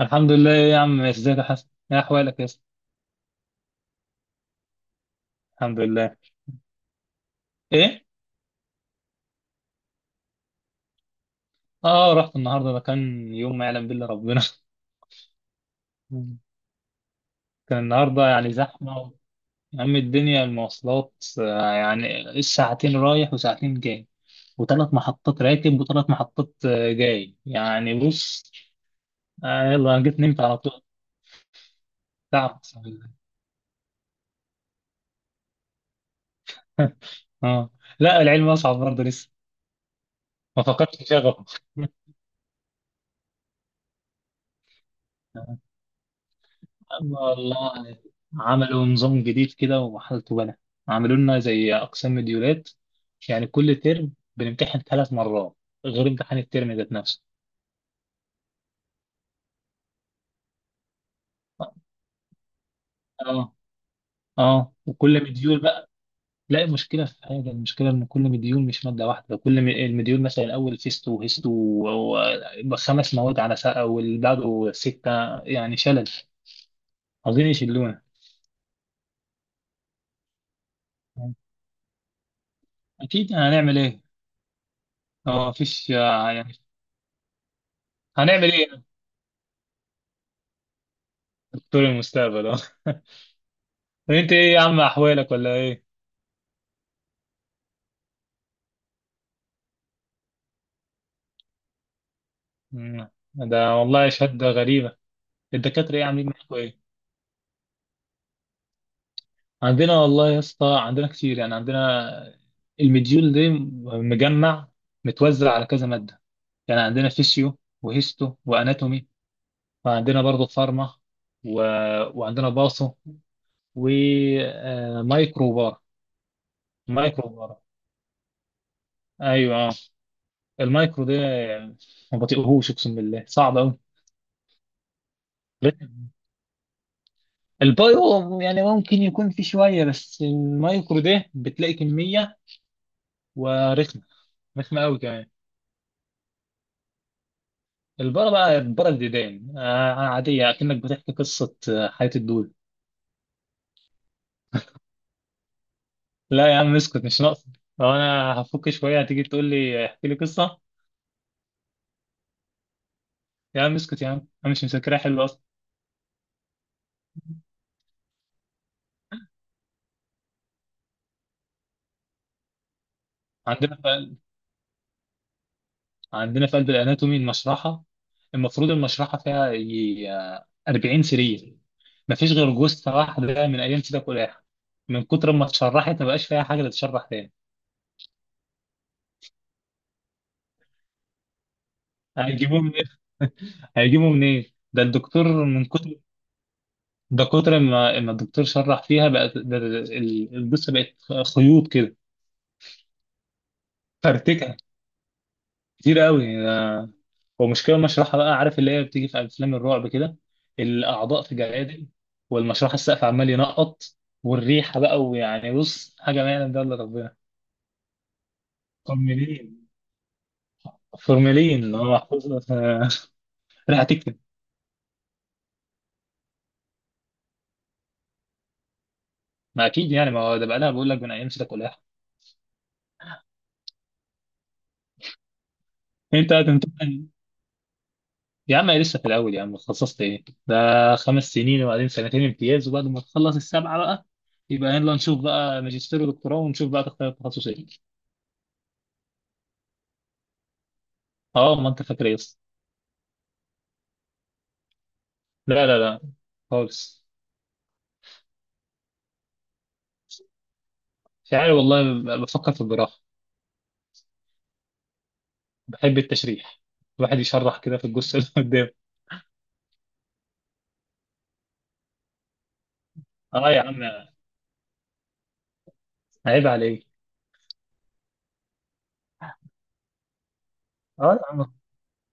الحمد لله يا عم، ازيك يا حسن؟ ايه احوالك يا اسطى؟ الحمد لله. ايه؟ اه، رحت النهارده. ده كان يوم ما يعلم بالله ربنا. كان النهارده يعني زحمه. يا عم الدنيا المواصلات يعني ساعتين رايح وساعتين جاي، وثلاث محطات راكب وثلاث محطات جاي. يعني بص، يلا انا جيت نمت على طول. تعب أقسم بالله. اه. لا، العلم اصعب برضه لسه. ما فكرتش في شغفه. والله عملوا نظام جديد كده وحالته بلا. عملوا لنا زي أقسام مديولات. يعني كل ترم بنمتحن 3 مرات، غير امتحان الترم ذات نفسه. اه. اه، وكل مديول بقى. لا، المشكلة في حاجة، المشكلة إن كل مديول مش مادة واحدة. المديول مثلا الأول فيستو وهيستو و5 مواد على ساعة، والبعده ستة، يعني شلل. عاوزين يشلونا. أكيد هنعمل إيه؟ اه، مفيش يعني هنعمل إيه في؟ دكتور المستقبل اه. انت ايه يا عم؟ احوالك ولا ايه؟ مم. ده والله شهادة غريبة. الدكاترة ايه عاملين معاكوا ايه؟ عندنا والله يا اسطى، عندنا كتير يعني. عندنا المديول دي مجمع، متوزع على كذا مادة. يعني عندنا فيسيو وهيستو واناتومي، وعندنا برضه فارما و... وعندنا باصو ومايكرو وبار. مايكرو وبار. ايوه اه. المايكرو ده ما بطيقهوش، اقسم بالله صعب قوي. البايو يعني ممكن يكون في شوية، بس المايكرو ده بتلاقي كمية ورخمة. رخمة قوي كمان. البره بقى، البره الديدان عادية، أكنك بتحكي قصة، حياة الدول. لا يا عم اسكت، مش ناقصة. لو أنا هفك شوية هتيجي تقول لي احكي لي قصة. يا عم اسكت، يا عم أنا مش مذاكرها حلو أصلا. عندنا. عندنا في قلب الاناتومي المشرحه. المفروض المشرحه فيها يجي 40 سرير. مفيش غير جثه واحده من ايام سيدك ولاحة، من كتر ما اتشرحت ما بقاش فيها حاجه تتشرح تاني. هيجيبوه منين؟ هيجيبوه منين؟ ده الدكتور من كتر. ده كتر ما الدكتور شرح فيها، بقت الجثه بقت خيوط كده، فرتكه، كتير قوي. هو مشكلة المشرحة بقى، عارف اللي هي بتيجي في أفلام الرعب كده؟ الأعضاء في جلادل، والمشرحة السقف عمال ينقط، والريحة بقى، ويعني بص حاجة ما يعلم بها إلا ربنا. فورمالين. فورمالين اللي هو محفوظة ريحة تكتم. ما أكيد يعني، ما هو ده بقى لها، بقول لك من أيام سيدك ولاح. أنت هتمتحن؟ يا عم أنا لسه في الأول، يا عم اتخصصت إيه ده؟ 5 سنين وبعدين سنتين امتياز، وبعد ما تخلص السبعة بقى يبقى يلا نشوف بقى ماجستير ودكتوراه، ونشوف بقى تختار التخصص إيه. أه، ما أنت فاكر إيه أصلا؟ لا لا لا خالص. مش عارف والله، بفكر في الجراحة. بحب التشريح، الواحد يشرح كده في الجثة اللي قدام. اه يا عم، عيب عليك. اه يا عم.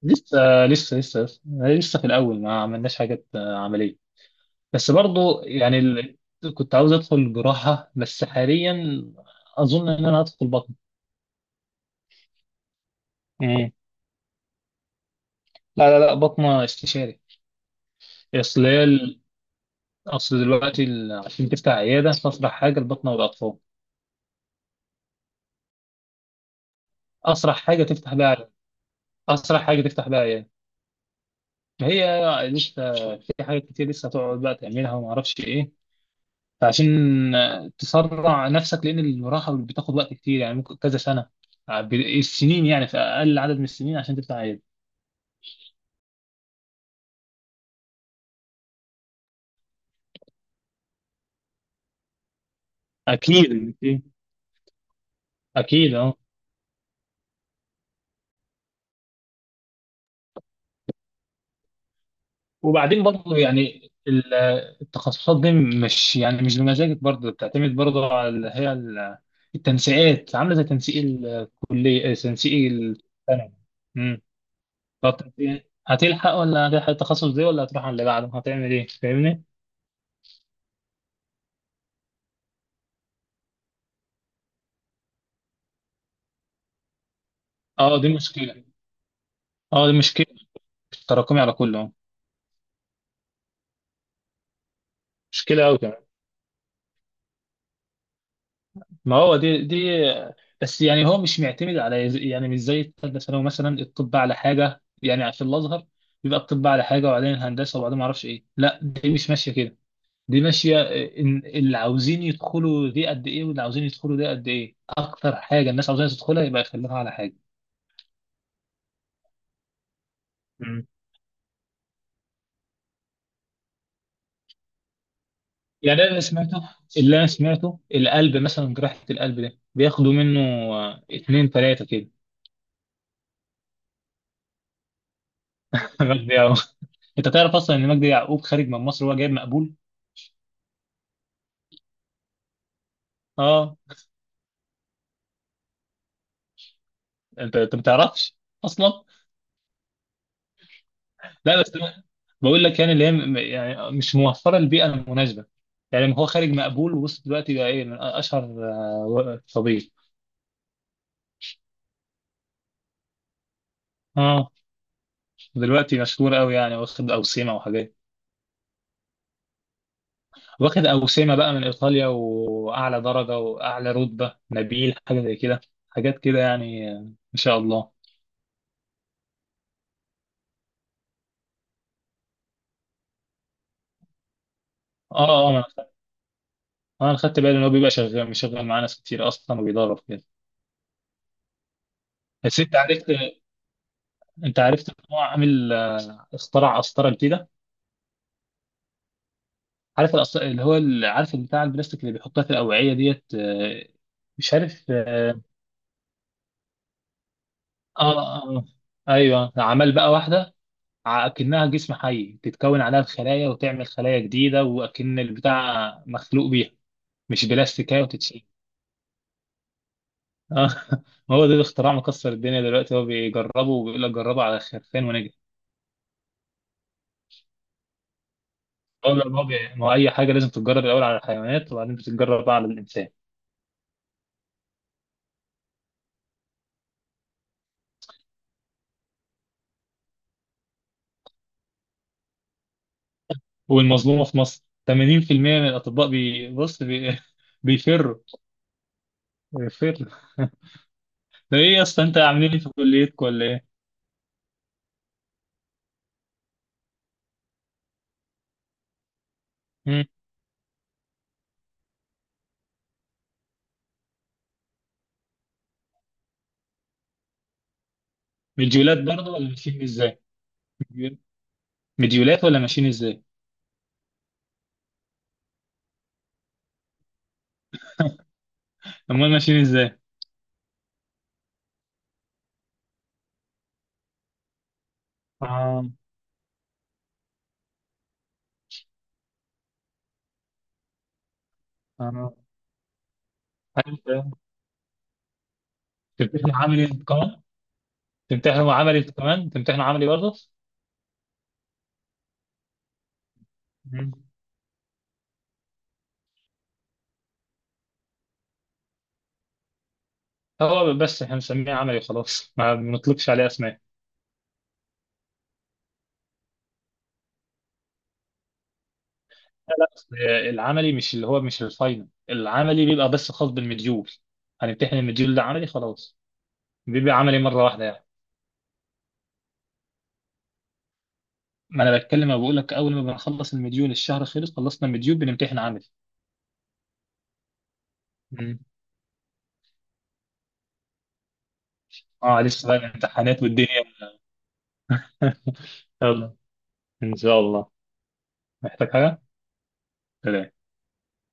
لسه. لسه في الأول، ما عملناش حاجات عملية. بس برضو يعني كنت عاوز أدخل جراحة، بس حاليا أظن إن أنا هدخل بطن. مم. لا لا لا، بطنة استشاري. أصل هي ال- أصل دلوقتي عشان تفتح عيادة فأسرع حاجة البطنة والأطفال. أسرع حاجة تفتح بيها عيادة. أسرع حاجة تفتح بيها عيادة. هي لسه. في حاجات كتير لسه هتقعد بقى تعملها وما اعرفش ايه. فعشان تسرع نفسك لان المراحل بتاخد وقت كتير، يعني ممكن كذا سنه. السنين يعني في اقل عدد من السنين عشان تطلع عيل. اكيد. اكيد اه. وبعدين برضه يعني التخصصات دي مش يعني مش بمزاجك برضه، بتعتمد برضه على التنسيقات. عامله زي تنسيق الكليه، تنسيق الثانوي. فترة ايه؟ هتلحق ولا هتلحق التخصص دي، ولا هتروح على اللي بعده؟ هتعمل ايه؟ فاهمني؟ اه دي مشكلة. اه دي مشكلة، تراكمي على كله. مشكلة قوي كمان. ما هو دي بس، يعني هو مش معتمد على يعني مش زي الثالثة ثانوي. مثلا الطب على حاجة يعني، في الأزهر بيبقى الطب على حاجة وبعدين الهندسة وبعدين ما اعرفش ايه. لا دي مش ماشية كده، دي ماشية إن اللي عاوزين يدخلوا دي قد ايه واللي عاوزين يدخلوا دي قد ايه. اكتر حاجة الناس عاوزين تدخلها يبقى يخلوها على حاجة. يعني أنا اللي سمعته، اللي أنا سمعته القلب مثلا، جراحة القلب ده بياخدوا منه اتنين تلاتة كده. مجدي يعقوب. أنت تعرف أصلا إن مجدي يعقوب خارج من مصر وهو جايب مقبول؟ أه. أنت ما تعرفش أصلا؟ لا بس أنا بقول لك يعني، اللي هي يعني مش موفرة البيئة المناسبة. يعني هو خارج مقبول، ووصل دلوقتي بقى إيه من أشهر طبيب. أه. دلوقتي مشهور أوي يعني، واخد أوسمة وحاجات. واخد أوسمة بقى من إيطاليا، وأعلى درجة وأعلى رتبة نبيل، حاجة زي كده. حاجات كده يعني، إن شاء الله. آه. آه أنا خدت أنا خدت بالي إن هو بيبقى شغال مشغل معاه ناس كتير أصلا، وبيدرب كده. بس أنت عرفت إن هو عامل اخترع قسطرة جديده. عارف الأسط- اللي هو ال- عارف بتاع البلاستيك اللي بيحطها في الأوعية ديت، مش عارف آه. آه، آه، آه. أيوه عمل بقى واحدة أكنها جسم حي، تتكون عليها الخلايا وتعمل خلايا جديدة، وأكن البتاع مخلوق بيها، مش بلاستيكية وتتشيل. آه. ما هو ده الاختراع مكسر الدنيا دلوقتي. هو بيجربه، وبيقول لك جربه على خرفان ونجح. هو لا، ما هو أي حاجة لازم تتجرب الأول على الحيوانات، وبعدين بتتجرب بقى على الإنسان. والمظلومة في مصر. 80% من الأطباء بيفروا. بيفروا. ده إيه يا اسطى؟ أنت عاملين إيه في كليتكم ولا إيه؟ مم. مديولات برضه ولا ماشيين إزاي؟ مديولات ولا ماشيين إزاي؟ أمال ماشيين إزاي؟ اه. اه أيوة، أيوة. تمتحن عملي انت كمان. تمتحنوا عملي برضه. مم. هو بس احنا بنسميه عملي وخلاص، ما بنطلقش عليه اسماء. لا لا، أصل العملي مش اللي هو مش الفاينل. العملي بيبقى بس خاص بالمديول. هنمتحن المديول ده عملي خلاص. بيبقى عملي مره واحده يعني. ما انا بتكلم، أنا بقول لك اول ما بنخلص المديول، الشهر خلص، خلصنا المديول بنمتحن عملي. مم. اه لسه بقى الامتحانات والدنيا. يلا. ان شاء الله. محتاج حاجه؟ سلام.